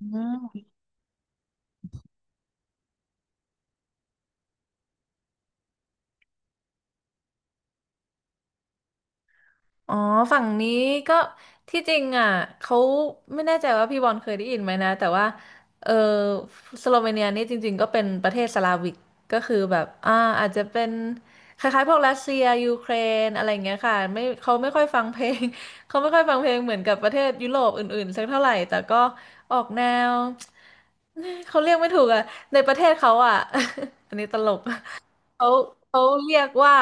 อืมอ๋อฝั่งนี้ก็ที่จริงอ่ะเขาไม่แน่ใจว่าพี่บอลเคยได้ยินไหมนะแต่ว่าเออสโลเวเนียนี่จริงๆก็เป็นประเทศสลาวิกก็คือแบบอาจจะเป็นคล้ายๆพวกรัสเซียยูเครนอะไรอย่างเงี้ยค่ะไม่เขาไม่ค่อยฟังเพลง เขาไม่ค่อยฟังเพลงเหมือนกับประเทศยุโรปอื่นๆสักเท่าไหร่แต่ก็ออกแนว เขาเรียกไม่ถูกอ่ะในประเทศเขาอ่ะ อันนี้ตลก เขาเขาเรียกว่า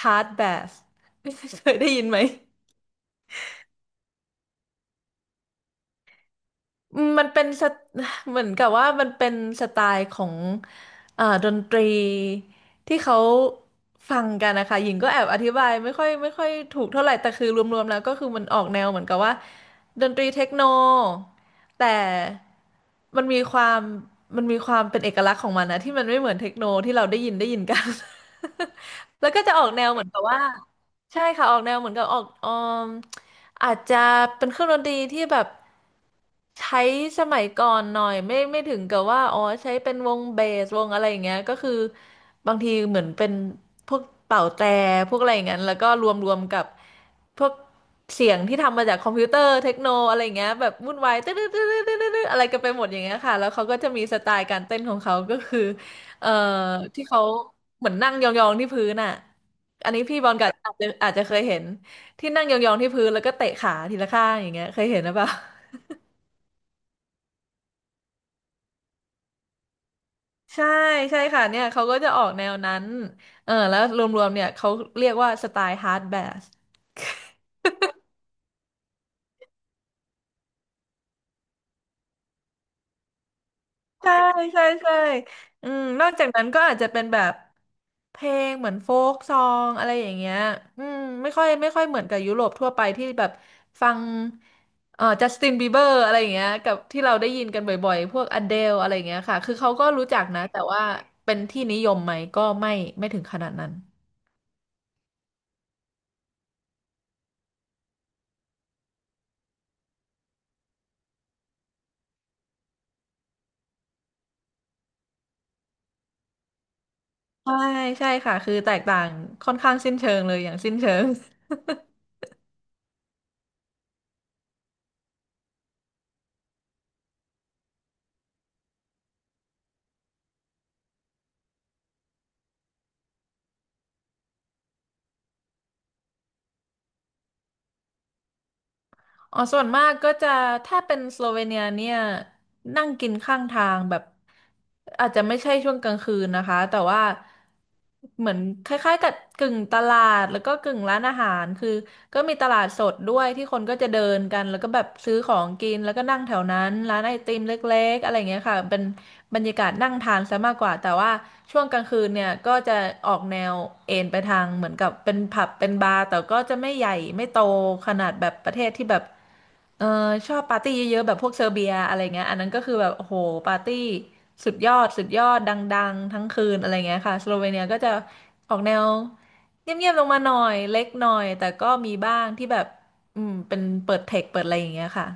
hard bath เคยได้ยินไหม อืมมันเป็นสไต เหมือนกับว่ามันเป็นสไตล์ของดนตรีที่เขาฟังกันนะคะหญิงก็แอบอธิบายไม่ค่อยถูกเท่าไหร่แต่คือรวมๆแล้วก็คือมันออกแนวเหมือนกับว่าดนตรีเทคโนแต่มันมีความมันมีความเป็นเอกลักษณ์ของมันนะที่มันไม่เหมือนเทคโนที่เราได้ยินกัน แล้วก็จะออกแนวเหมือนกับว่าใช่ค่ะออกแนวเหมือนกับออกออม อาจจะเป็นเครื่องดนตรีที่แบบใช้สมัยก่อนหน่อยไม่ถึงกับว่าอ๋อใช้เป็นวงเบสวงอะไรอย่างเงี้ยก็คือบางทีเหมือนเป็นพวกเป่าแตรพวกอะไรอย่างเงี้ยแล้วก็รวมกับพวกเสียงที่ทำมาจากคอมพิวเตอร์เทคโนอะไรอย่างเงี้ยแบบวุ่นวายตึ๊ดตึ๊ดตึ๊ดตึ๊ดตึ๊ดอะไรกันไปหมดอย่างเงี้ยค่ะแล้วเขาก็จะมีสไตล์การเต้นของเขาก็คือเอ่อที่เขาเหมือนนั่งยองๆที่พื้นอ่ะอันนี้พี่บอลก็อาจจะเคยเห็น ที่นั่งยองๆที่พื้นแล้วก็เตะขาทีละข้างอย่างเงี้ยเคยเห็นหรือเปล่า ใช่ใช่ค่ะเนี่ยเขาก็จะออกแนวนั้นเออแล้วรวมๆเนี่ยเขาเรียกว่าสไตล์ฮาร์ดแบสใช่ใช่ใช่อืมนอกจากนั้นก็อาจจะเป็นแบบเพลงเหมือนโฟกซองอะไรอย่างเงี้ยอืมไม่ค่อยเหมือนกับยุโรปทั่วไปที่แบบฟังจัสตินบีเบอร์อะไรอย่างเงี้ยกับที่เราได้ยินกันบ่อยๆพวกอเดลอะไรอย่างเงี้ยค่ะคือเขาก็รู้จักนะแต่ว่าเป็นที่นิยมไหมก็ไม่ถึงขนาดนั้น ใช่ใช่ค่ะคือแตกต่างค่อนข้างสิ้นเชิงเลยอย่างสิ้นเชิง อ๋อส่วนมากก็จะถ้าเป็นสโลเวเนียเนี่ยนั่งกินข้างทางแบบอาจจะไม่ใช่ช่วงกลางคืนนะคะแต่ว่าเหมือนคล้ายๆกับกึ่งตลาดแล้วก็กึ่งร้านอาหารคือก็มีตลาดสดด้วยที่คนก็จะเดินกันแล้วก็แบบซื้อของกินแล้วก็นั่งแถวนั้นร้านไอติมเล็กๆอะไรอย่างเงี้ยค่ะเป็น บรรยากาศนั่งทานซะมากกว่าแต่ว่าช่วงกลางคืนเนี่ยก็จะออกแนวเอนไปทางเหมือนกับเป็นผับเป็นบาร์แต่ก็จะไม่ใหญ่ไม่โตขนาดแบบประเทศที่แบบเออชอบปาร์ตี้เยอะๆแบบพวกเซอร์เบียอะไรเงี้ยอันนั้นก็คือแบบโอ้โหปาร์ตี้สุดยอดสุดยอดดังๆทั้งคืนอะไรเงี้ยค่ะสโลเวเนียก็จะออกแนวเงียบๆลงมาหน่อยเล็กหน่อยแต่ก็มีบ้างที่แบบอืมเป็นเปิดเทคเปิดอะไรอย่างเงี้ยค่ะ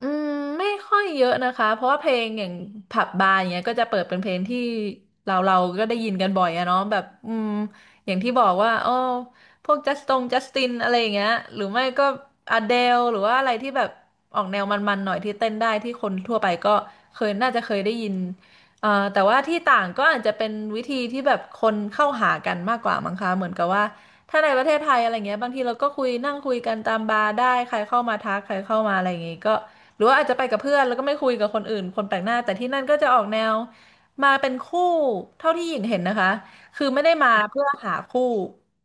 อืมไม่ค่อยเยอะนะคะเพราะว่าเพลงอย่างผับบาร์อย่างเงี้ยก็จะเปิดเป็นเพลงที่เราก็ได้ยินกันบ่อยอะเนาะแบบอืมอย่างที่บอกว่าอ้อพวกจัสตินอะไรอย่างเงี้ยหรือไม่ก็อเดลหรือว่าอะไรที่แบบออกแนวมันๆหน่อยที่เต้นได้ที่คนทั่วไปก็เคยน่าจะเคยได้ยินแต่ว่าที่ต่างก็อาจจะเป็นวิธีที่แบบคนเข้าหากันมากกว่ามั้งคะเหมือนกับว่าถ้าในประเทศไทยอะไรเงี้ยบางทีเราก็คุยนั่งคุยกันตามบาร์ได้ใครเข้ามาทักใครเข้ามาอะไรอย่างงี้ก็ หรือว่าอาจจะไปกับเพื่อนแล้วก็ไม่คุยกับคนอื่นคนแปลกหน้าแต่ที่นั่นก็จะออกแนวมาเป็นคู่เท่าที่หญิงเห็นนะคะคือไม่ได้มาเพื่อหาคู่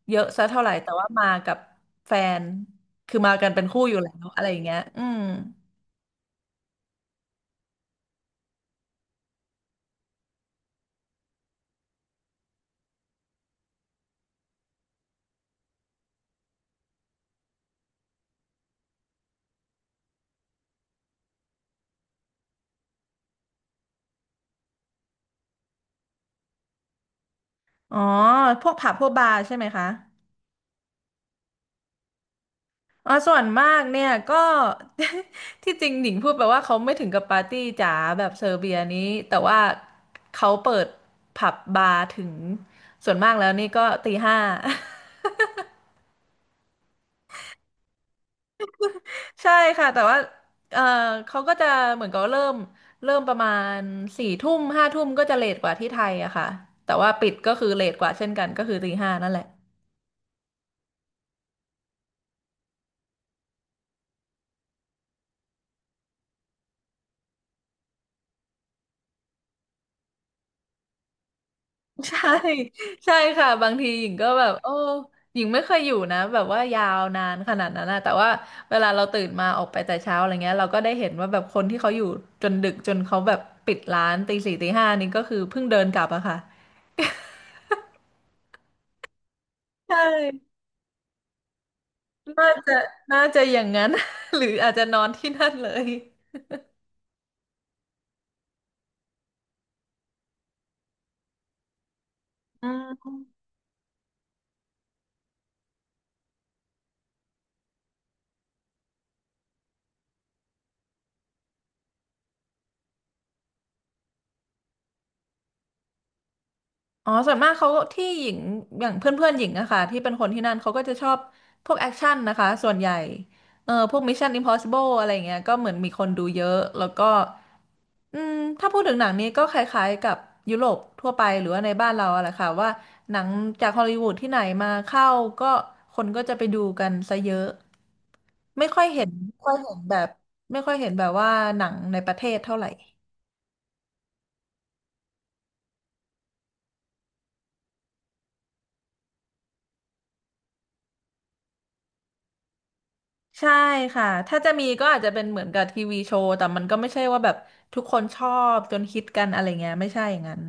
เยอะซะเท่าไหร่แต่ว่ามากับแฟนคือมากันเป็นคู่อยู่แล้วอะไรอย่างเงี้ยอืมอ๋อพวกผับพวกบาร์ใช่ไหมคะอ๋อส่วนมากเนี่ยก็ ที่จริงหญิงพูดไปว่าเขาไม่ถึงกับปาร์ตี้จ๋าแบบเซอร์เบียนี้แต่ว่าเขาเปิดผับบาร์ถึงส่วนมากแล้วนี่ก็ตีห้า ใช่ค่ะแต่ว่าเออเขาก็จะเหมือนกับเริ่มประมาณสี่ทุ่มห้าทุ่มก็จะเลทกว่าที่ไทยอะค่ะแต่ว่าปิดก็คือเลทกว่าเช่นกันก็คือตีห้านั่นแหละ ใช่ใช่ค่ะบางทีหญิงก็แบบโอ้หญิงไม่เคยอยู่นะแบบว่ายาวนานขนาดนั้นนะแต่ว่าเวลาเราตื่นมาออกไปแต่เช้าอะไรเงี้ยเราก็ได้เห็นว่าแบบคนที่เขาอยู่จนดึกจนเขาแบบปิดร้านตีสี่ตีห้านี่ก็คือเพิ่งเดินกลับอะค่ะใช่น่าจะน่าจะอย่างนั้น หรืออาจจะนอนที่นั่นเลย อืมอ๋อส่วนมากเขาที่หญิงอย่างเพื่อนเพื่อนหญิงอะค่ะที่เป็นคนที่นั่นเขาก็จะชอบพวกแอคชั่นนะคะส่วนใหญ่เออพวก Mission Impossible อะไรเงี้ยก็เหมือนมีคนดูเยอะแล้วก็อืมถ้าพูดถึงหนังนี้ก็คล้ายๆกับยุโรปทั่วไปหรือว่าในบ้านเราอะแหละค่ะว่าหนังจากฮอลลีวูดที่ไหนมาเข้าก็คนก็จะไปดูกันซะเยอะไม่ค่อยเห็นไม่ค่อยเห็นแบบไม่ค่อยเห็นแบบว่าหนังในประเทศเท่าไหร่ ใช่ค่ะถ้าจะมีก็อาจจะเป็นเหมือนกับทีวีโชว์แต่มันก็ไม่ใช่ว่าแบบทุกคนชอบจนฮิตกันอะไรเงี้ยไม่ใช่อย่างนั้น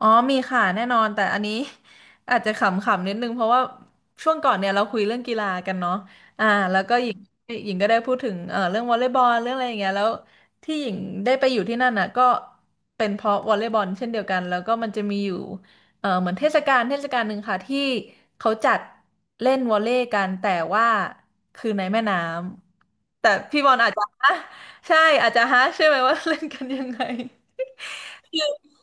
อ๋อมีค่ะแน่นอนแต่อันนี้ อาจจะขำๆนิดนึงเพราะว่าช่วงก่อนเนี่ยเราคุยเรื่องกีฬากันเนาะอ่าแล้วก็หญิงก็ได้พูดถึงเรื่องวอลเลย์บอลเรื่องอะไรอย่างเงี้ยแล้วที่หญิงได้ไปอยู่ที่นั่นน่ะก็เป็นเพราะวอลเลย์บอลเช่นเดียวกันแล้วก็มันจะมีอยู่เหมือนเทศกาลหนึ่งค่ะที่เขาจัดเล่นวอลเลย์กันแต่ว่าคือในแม่น้ำแต่พี่บอลอาจจะ ฮะใช่อาจจะฮะใช่ไหมว่า เล่นกันยังไง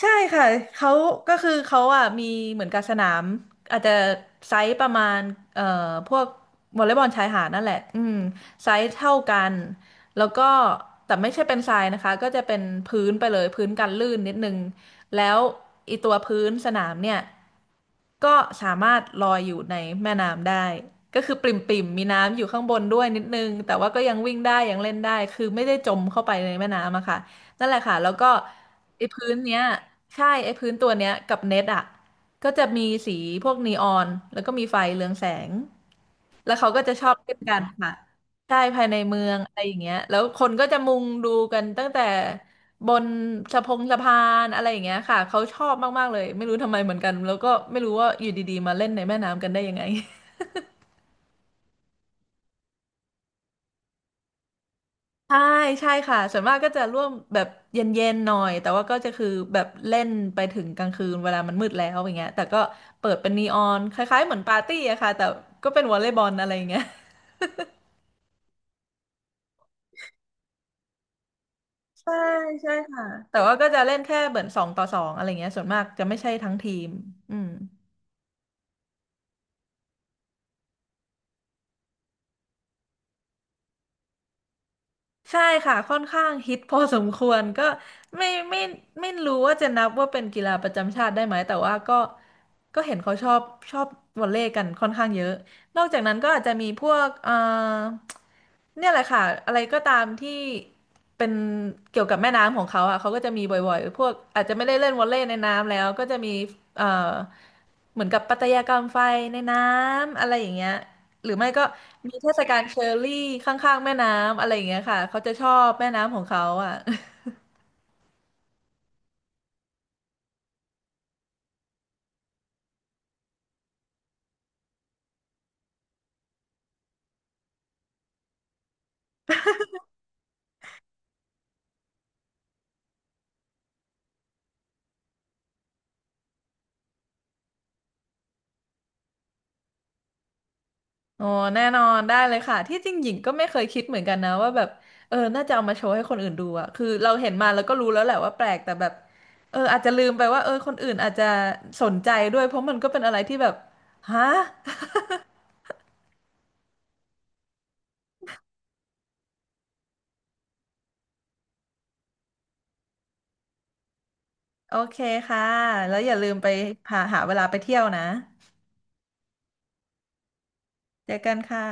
ใช่ค่ะเขาก็คือเขาอ่ะมีเหมือนกับสนามอาจจะไซส์ประมาณเอ่อพวกวอลเลย์บอลชายหาดนั่นแหละไซส์เท่ากันแล้วก็แต่ไม่ใช่เป็นทรายนะคะก็จะเป็นพื้นไปเลยพื้นกันลื่นนิดนึงแล้วอีตัวพื้นสนามเนี่ยก็สามารถลอยอยู่ในแม่น้ำได้ก็คือปริ่มๆมีน้ำอยู่ข้างบนด้วยนิดนึงแต่ว่าก็ยังวิ่งได้ยังเล่นได้คือไม่ได้จมเข้าไปในแม่น้ำอะค่ะ นั่นแหละค่ะแล้วก็ไอ้พื้นเนี้ยใช่ไอ้พื้นตัวเนี้ยกับเน็ตอ่ะก็จะมีสีพวกนีออนแล้วก็มีไฟเรืองแสงแล้วเขาก็จะชอบเล่นกันค่ะใช่ภายในเมืองอะไรอย่างเงี้ยแล้วคนก็จะมุงดูกันตั้งแต่บนสะพงสะพานอะไรอย่างเงี้ยค่ะเขาชอบมากๆเลย ไม่รู้ทำไมเหมือนกันแล้วก็ไม่รู้ว่าอยู่ดีๆมาเล่นในแม่น้ำกันได้ยังไง ใช่ใช่ค่ะส่วนมากก็จะร่วมแบบเย็นๆหน่อยแต่ว่าก็จะคือแบบเล่นไปถึงกลางคืนเวลามันมืดแล้วอย่างเงี้ยแต่ก็เปิดเป็นนีออนคล้ายๆเหมือนปาร์ตี้อะค่ะแต่ก็เป็นวอลเลย์บอลอะไรอย่างเงี้ยใช่ใช่ค่ะแต่ว่าก็จะเล่นแค่เหมือนสองต่อสองอะไรเงี้ยส่วนมากจะไม่ใช่ทั้งทีมอืม ใช่ค่ะค่อนข้างฮิตพอสมควรก็ไม่ไม่ไม่รู้ว่าจะนับว่าเป็นกีฬาประจำชาติได้ไหมแต่ว่าก็ก็เห็นเขาชอบวอลเลย์กันค่อนข้างเยอะนอกจากนั้นก็อาจจะมีพวกเนี่ยแหละค่ะอะไรก็ตามที่เป็นเกี่ยวกับแม่น้ำของเขาอ่ะเขาก็จะมีบ่อยๆพวกอาจจะไม่ได้เล่นวอลเลย์ในน้ำแล้วก็จะมีเอ่อเหมือนกับปัตยากรรมไฟในน้ำอะไรอย่างเงี้ย หรือไม่ก็มีเทศกาลเชอร์รี่ข้างๆแม่น้ำอะไรอย่างเงี้ยค่ะเขาจะชอบแม่น้ำของเขาอ่ะ โอ้แน่นอนได้เลยค่ะที่จริงหญิงก็ไม่เคยคิดเหมือนกันนะว่าแบบน่าจะเอามาโชว์ให้คนอื่นดูอ่ะคือเราเห็นมาแล้วก็รู้แล้วแหละว่าแปลกแต่แบบอาจจะลืมไปว่าคนอื่นอาจจะสนใจด้วยเพราะมันก็เป็นอะไรที่แบบฮะ โอเคค่ะแล้วอย่าลืมไปหาเวลาไปเที่ยวนะเจอกันค่ะ